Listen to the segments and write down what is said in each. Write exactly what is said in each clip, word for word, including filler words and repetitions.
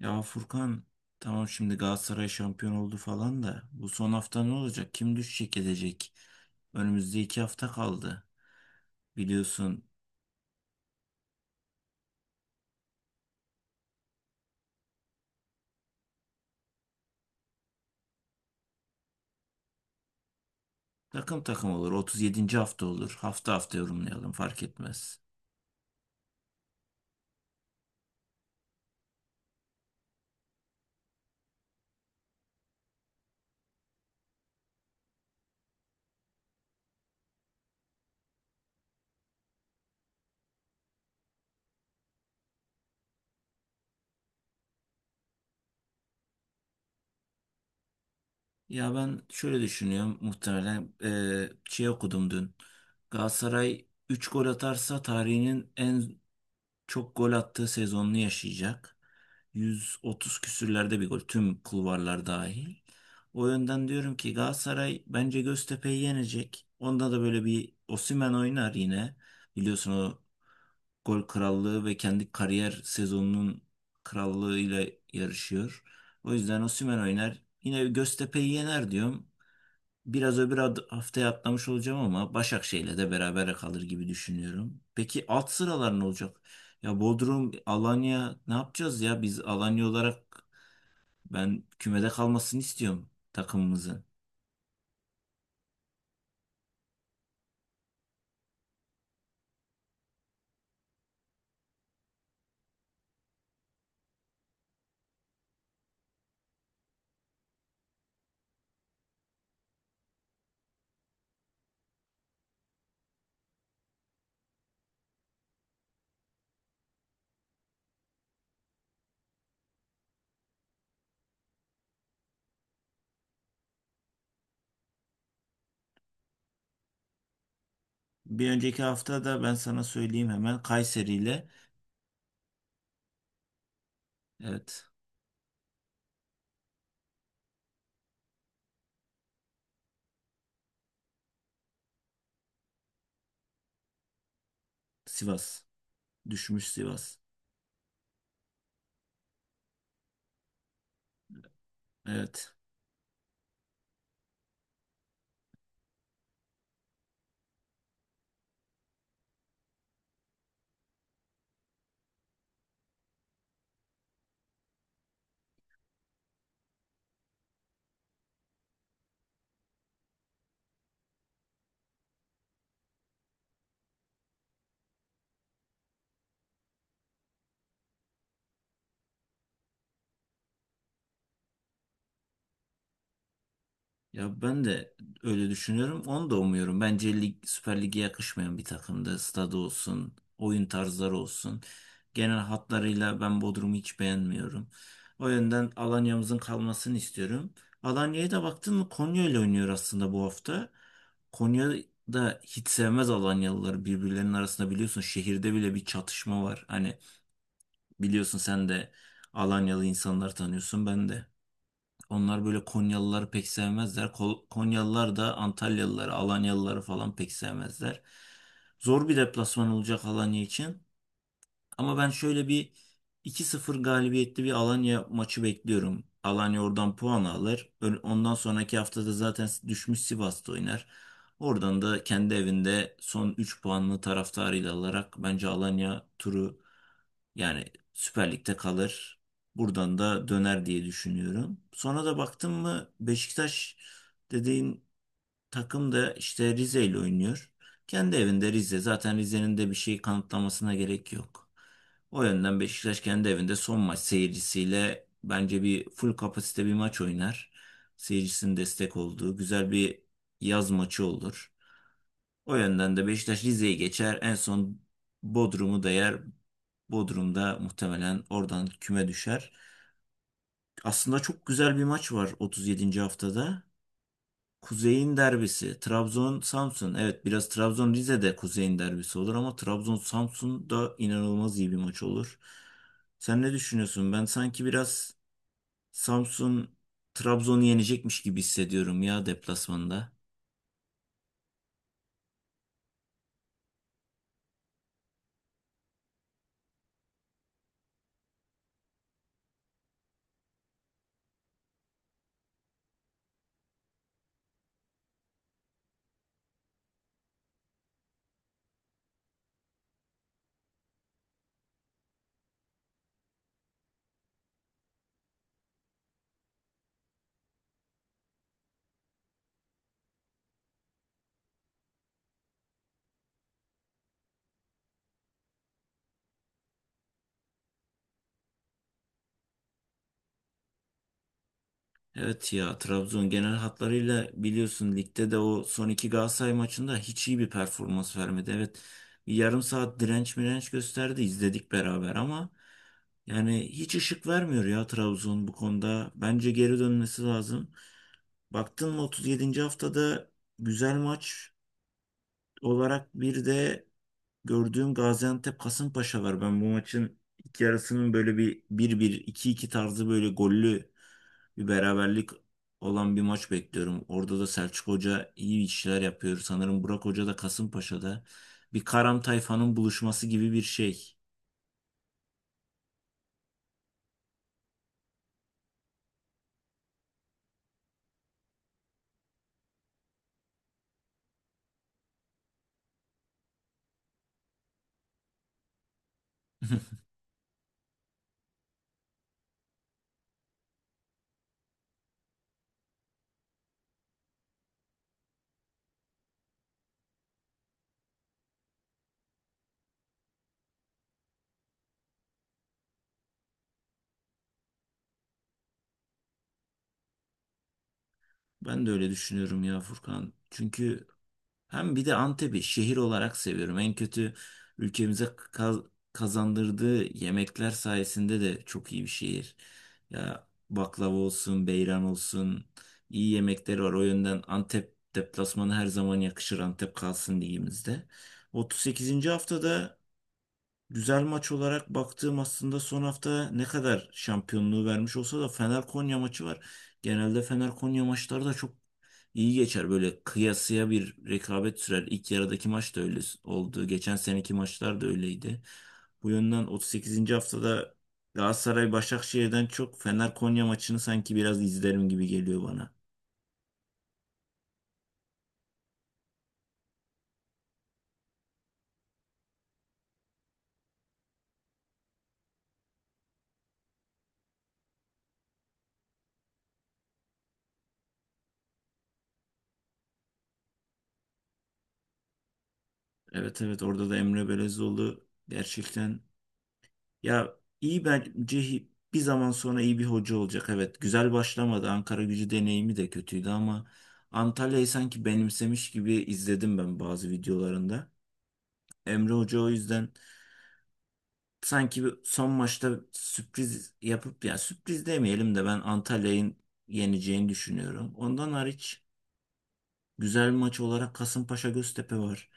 Ya Furkan, tamam, şimdi Galatasaray şampiyon oldu falan da bu son hafta ne olacak? Kim düşecek edecek? Önümüzde iki hafta kaldı. Biliyorsun takım takım olur. otuz yedinci hafta olur. Hafta hafta yorumlayalım, fark etmez. Ya ben şöyle düşünüyorum, muhtemelen eee şey okudum dün. Galatasaray üç gol atarsa tarihinin en çok gol attığı sezonunu yaşayacak. yüz otuz küsürlerde bir gol, tüm kulvarlar dahil. O yönden diyorum ki Galatasaray bence Göztepe'yi yenecek. Onda da böyle bir Osimhen oynar yine. Biliyorsun o gol krallığı ve kendi kariyer sezonunun krallığıyla yarışıyor. O yüzden Osimhen oynar. Yine Göztepe'yi yener diyorum. Biraz öbür ad- haftaya atlamış olacağım ama Başakşehir'le de beraber kalır gibi düşünüyorum. Peki alt sıralar ne olacak? Ya Bodrum, Alanya ne yapacağız ya? Biz Alanya olarak ben kümede kalmasını istiyorum takımımızın. Bir önceki hafta da ben sana söyleyeyim, hemen Kayseri ile. Evet. Sivas düşmüş, Sivas. Evet. Ya ben de öyle düşünüyorum. Onu da umuyorum. Bence lig, Süper Lig'e yakışmayan bir takımdı. Stadı olsun, oyun tarzları olsun. Genel hatlarıyla ben Bodrum'u hiç beğenmiyorum. O yönden Alanya'mızın kalmasını istiyorum. Alanya'ya da baktın mı, Konya ile oynuyor aslında bu hafta. Konya da hiç sevmez Alanyalıları, birbirlerinin arasında biliyorsun şehirde bile bir çatışma var. Hani biliyorsun sen de Alanyalı insanlar tanıyorsun, ben de. Onlar böyle Konyalıları pek sevmezler. Ko- Konyalılar da Antalyalıları, Alanyalıları falan pek sevmezler. Zor bir deplasman olacak Alanya için. Ama ben şöyle bir iki sıfır galibiyetli bir Alanya maçı bekliyorum. Alanya oradan puan alır. Ön- Ondan sonraki haftada zaten düşmüş Sivas'ta oynar. Oradan da kendi evinde son üç puanını taraftarıyla alarak bence Alanya turu, yani Süper Lig'de kalır. Buradan da döner diye düşünüyorum. Sonra da baktım mı, Beşiktaş dediğin takım da işte Rize ile oynuyor. Kendi evinde Rize. Zaten Rize'nin de bir şey kanıtlamasına gerek yok. O yönden Beşiktaş kendi evinde son maç seyircisiyle bence bir full kapasite bir maç oynar. Seyircisinin destek olduğu güzel bir yaz maçı olur. O yönden de Beşiktaş Rize'yi geçer. En son Bodrum'u da yer. Bodrum'da muhtemelen oradan küme düşer. Aslında çok güzel bir maç var otuz yedinci haftada. Kuzey'in derbisi. Trabzon-Samsun. Evet, biraz Trabzon-Rize'de Kuzey'in derbisi olur ama Trabzon-Samsun da inanılmaz iyi bir maç olur. Sen ne düşünüyorsun? Ben sanki biraz Samsun Trabzon'u yenecekmiş gibi hissediyorum ya, deplasmanda. Evet ya, Trabzon genel hatlarıyla biliyorsun ligde de o son iki Galatasaray maçında hiç iyi bir performans vermedi. Evet, bir yarım saat direnç mirenç gösterdi, izledik beraber, ama yani hiç ışık vermiyor ya Trabzon bu konuda. Bence geri dönmesi lazım. Baktın mı, otuz yedinci haftada güzel maç olarak bir de gördüğüm Gaziantep Kasımpaşa var. Ben bu maçın ilk yarısının böyle bir bir 1 iki 2 tarzı böyle gollü bir beraberlik olan bir maç bekliyorum. Orada da Selçuk Hoca iyi işler yapıyor. Sanırım Burak Hoca da Kasımpaşa'da. Bir Karam Tayfa'nın buluşması gibi bir şey. Ben de öyle düşünüyorum ya Furkan. Çünkü hem bir de Antep'i şehir olarak seviyorum. En kötü ülkemize kaz- kazandırdığı yemekler sayesinde de çok iyi bir şehir. Ya baklava olsun, beyran olsun, iyi yemekleri var. O yönden Antep deplasmanı her zaman yakışır. Antep kalsın ligimizde. otuz sekizinci haftada güzel maç olarak baktığım, aslında son hafta ne kadar şampiyonluğu vermiş olsa da, Fener-Konya maçı var. Genelde Fener-Konya maçları da çok iyi geçer. Böyle kıyasıya bir rekabet sürer. İlk yarıdaki maç da öyle oldu. Geçen seneki maçlar da öyleydi. Bu yönden otuz sekizinci haftada Galatasaray-Başakşehir'den çok Fener-Konya maçını sanki biraz izlerim gibi geliyor bana. Evet evet, orada da Emre Belezoğlu gerçekten, ya, iyi bence, hi- bir zaman sonra iyi bir hoca olacak. Evet, güzel başlamadı. Ankara gücü deneyimi de kötüydü ama Antalya'yı sanki benimsemiş gibi izledim ben bazı videolarında. Emre Hoca o yüzden sanki bir son maçta sürpriz yapıp, ya sürpriz demeyelim de, ben Antalya'nın yeneceğini düşünüyorum. Ondan hariç güzel maç olarak Kasımpaşa Göztepe var.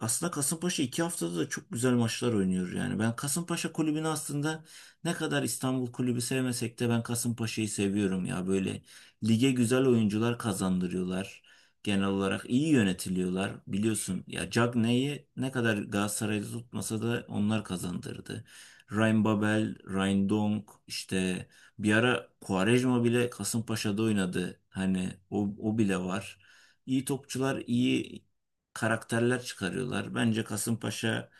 Aslında Kasımpaşa iki haftada da çok güzel maçlar oynuyor yani. Ben Kasımpaşa kulübünü aslında, ne kadar İstanbul kulübü sevmesek de, ben Kasımpaşa'yı seviyorum ya. Böyle lige güzel oyuncular kazandırıyorlar. Genel olarak iyi yönetiliyorlar. Biliyorsun ya Cagney'i ne kadar Galatasaray'da tutmasa da onlar kazandırdı. Ryan Babel, Ryan Dong, işte bir ara Quaresma bile Kasımpaşa'da oynadı. Hani o, o bile var. İyi topçular, iyi karakterler çıkarıyorlar. Bence Kasımpaşa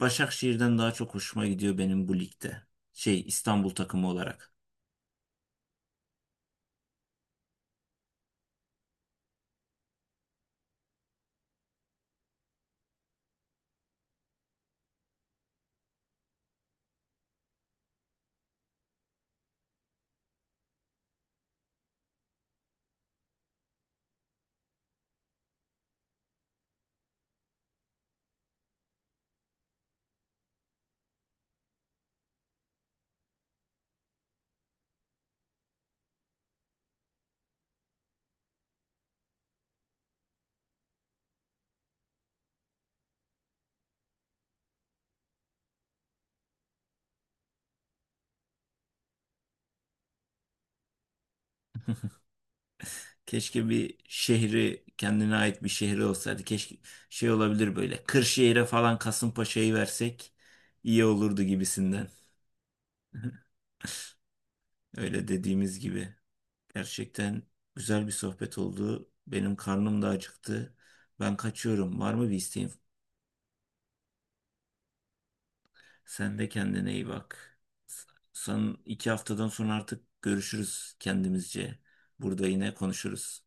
Başakşehir'den daha çok hoşuma gidiyor benim bu ligde. Şey, İstanbul takımı olarak. Keşke bir şehri, kendine ait bir şehri olsaydı. Keşke şey olabilir böyle. Kırşehir'e falan Kasımpaşa'yı versek iyi olurdu gibisinden. Öyle, dediğimiz gibi. Gerçekten güzel bir sohbet oldu. Benim karnım da acıktı. Ben kaçıyorum. Var mı bir isteğin? Sen de kendine iyi bak. Son iki haftadan sonra artık görüşürüz kendimizce. Burada yine konuşuruz.